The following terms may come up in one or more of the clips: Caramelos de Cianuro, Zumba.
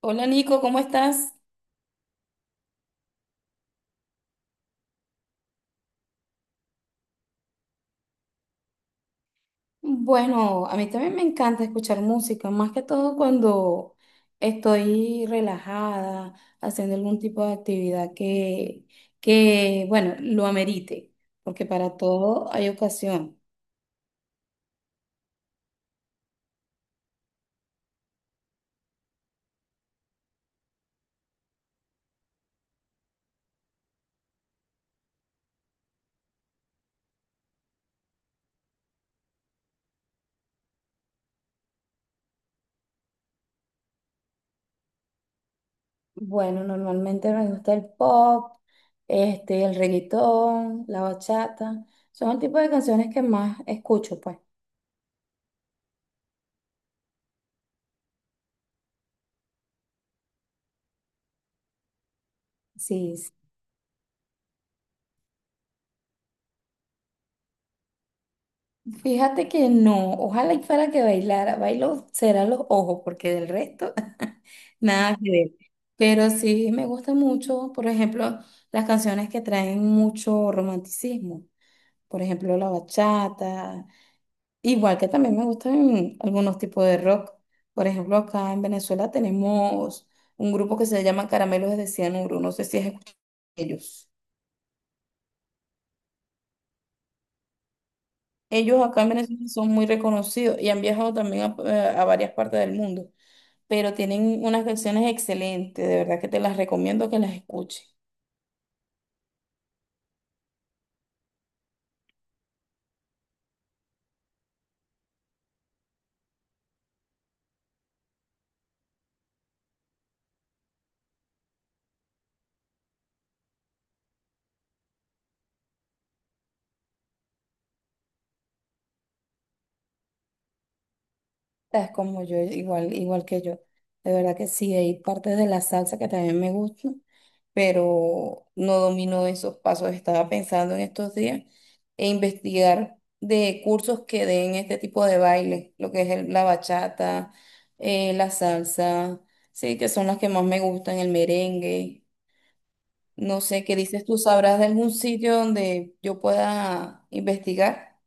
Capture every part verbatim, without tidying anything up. Hola Nico, ¿cómo estás? Bueno, a mí también me encanta escuchar música, más que todo cuando estoy relajada, haciendo algún tipo de actividad que, que, bueno, lo amerite, porque para todo hay ocasión. Bueno, normalmente me gusta el pop, este, el reggaetón, la bachata, son el tipo de canciones que más escucho, pues. Sí. Fíjate que no, ojalá y fuera que bailara, bailo será los ojos, porque del resto nada que ver. Pero sí me gusta mucho, por ejemplo, las canciones que traen mucho romanticismo, por ejemplo, la bachata, igual que también me gustan algunos tipos de rock. Por ejemplo, acá en Venezuela tenemos un grupo que se llama Caramelos de Cianuro, no sé si has escuchado de ellos. Ellos acá en Venezuela son muy reconocidos y han viajado también a eh, a varias partes del mundo, pero tienen unas canciones excelentes, de verdad que te las recomiendo que las escuches. Es como yo, igual, igual que yo. De verdad que sí, hay partes de la salsa que también me gustan, pero no domino esos pasos. Estaba pensando en estos días e investigar de cursos que den este tipo de baile, lo que es el- la bachata, eh, la salsa, sí, que son las que más me gustan, el merengue. No sé, ¿qué dices tú? ¿Sabrás de algún sitio donde yo pueda investigar?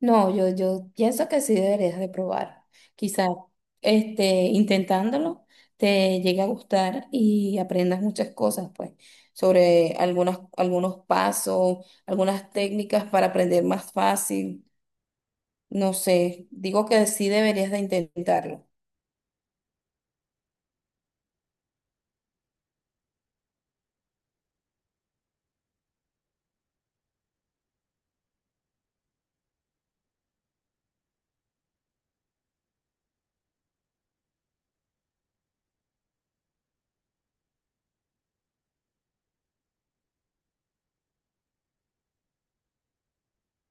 No, yo, yo pienso que sí deberías de probar. Quizás este, intentándolo te llegue a gustar y aprendas muchas cosas, pues, sobre algunas, algunos pasos, algunas técnicas para aprender más fácil. No sé, digo que sí deberías de intentarlo.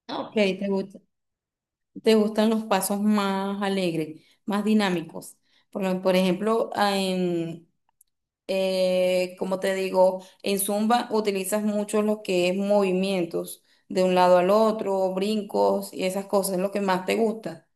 Ok, te gusta- te gustan los pasos más alegres, más dinámicos. Por, lo- por ejemplo, ah, en eh, como te digo, en Zumba utilizas mucho lo que es movimientos de un lado al otro, brincos y esas cosas, es lo que más te gusta.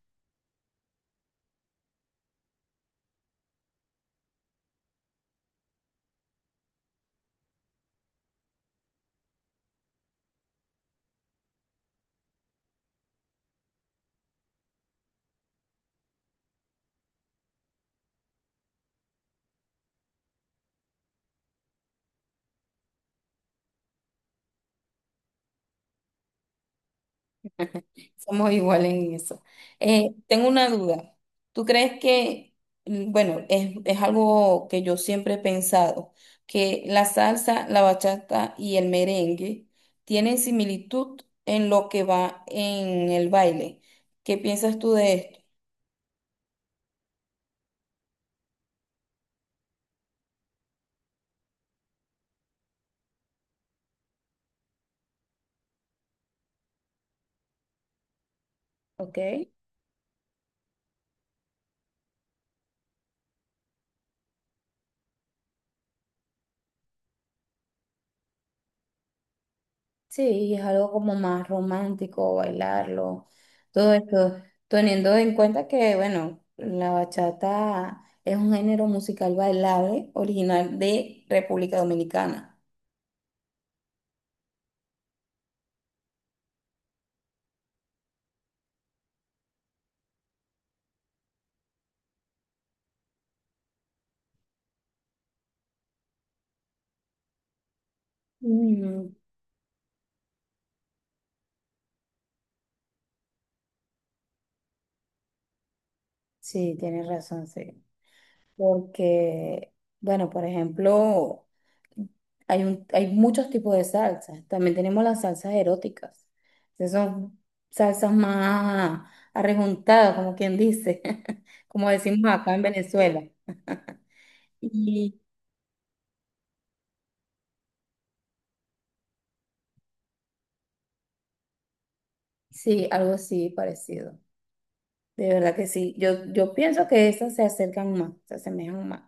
Somos iguales en eso. Eh, tengo una duda. ¿Tú crees que, mm, bueno, es, es algo que yo siempre he pensado, que la salsa, la bachata y el merengue tienen similitud en lo que va en el baile? ¿Qué piensas tú de esto? Ok. Sí, es algo como más romántico, bailarlo, todo esto, teniendo en cuenta que, bueno, la bachata es un género musical bailable original de República Dominicana. Mm, sí, tienes razón, sí. Porque, bueno, por ejemplo, hay un, hay muchos tipos de salsas. También tenemos las salsas eróticas. Esas son salsas más arrejuntadas, como quien dice, como decimos acá en Venezuela. Y sí, algo así parecido. De verdad que sí. Yo, yo pienso que esas se acercan más, se asemejan más.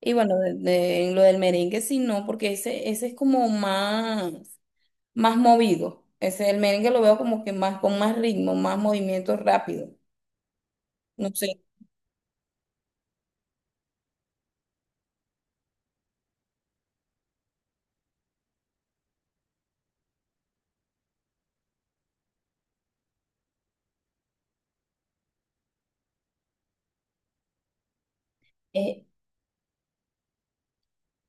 Y bueno, de- de- en lo del merengue sí, no, porque ese, ese es como más. más movido. Ese, el merengue lo veo como que más, con más ritmo, más movimiento rápido. No sé, es,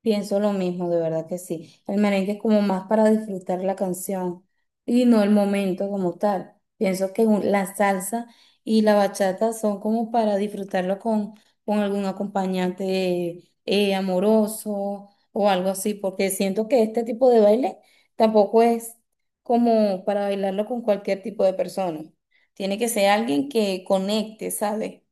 pienso lo mismo, de verdad que sí. El merengue es como más para disfrutar la canción y no el momento como tal. Pienso que un- la salsa y la bachata son como para disfrutarlo con, con algún acompañante eh, amoroso o algo así, porque siento que este tipo de baile tampoco es como para bailarlo con cualquier tipo de persona. Tiene que ser alguien que conecte, ¿sabes?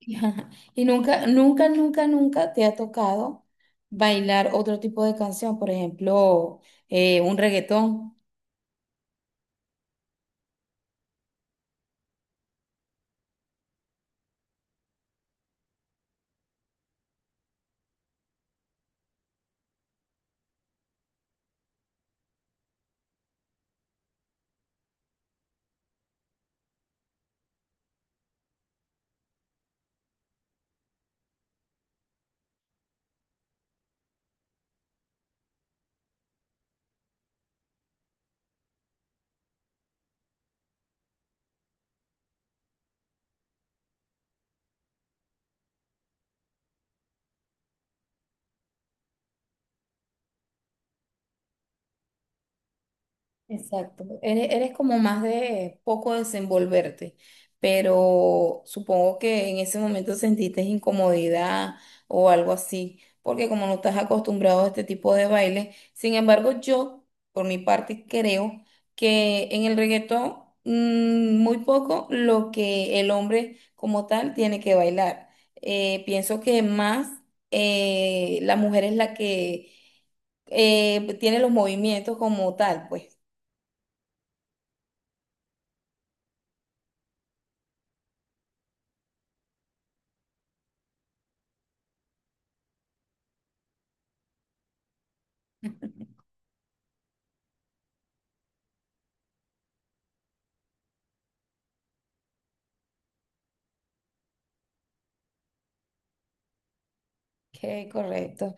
Ajá. Y nunca, nunca, nunca, nunca te ha tocado bailar otro tipo de canción, por ejemplo, eh, un reggaetón. Exacto, eres, eres como más de poco desenvolverte, pero supongo que en ese momento sentiste incomodidad o algo así, porque como no estás acostumbrado a este tipo de baile. Sin embargo yo, por mi parte, creo que en el reggaetón mm, muy poco lo que el hombre como tal tiene que bailar. Eh, pienso que más eh, la mujer es la que eh, tiene los movimientos como tal, pues. Qué correcto.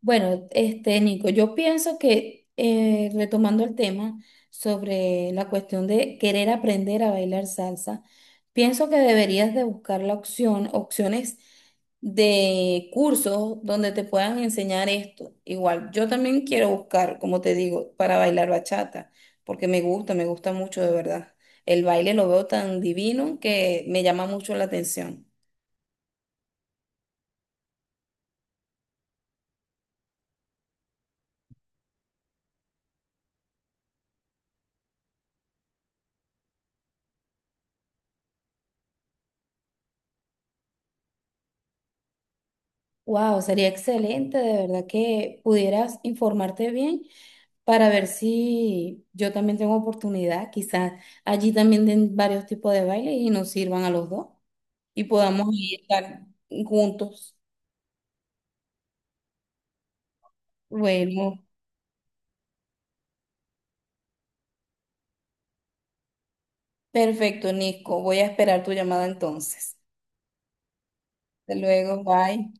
Bueno, este, Nico, yo pienso que eh, retomando el tema sobre la cuestión de querer aprender a bailar salsa, pienso que deberías de buscar la opción, opciones de cursos donde te puedan enseñar esto. Igual, yo también quiero buscar, como te digo, para bailar bachata, porque me gusta, me gusta mucho de verdad. El baile lo veo tan divino que me llama mucho la atención. Wow, sería excelente, de verdad que pudieras informarte bien para ver si yo también tengo oportunidad, quizás allí también den varios tipos de baile y nos sirvan a los dos y podamos ahí estar juntos. Bueno, perfecto, Nico, voy a esperar tu llamada entonces. Hasta luego, bye.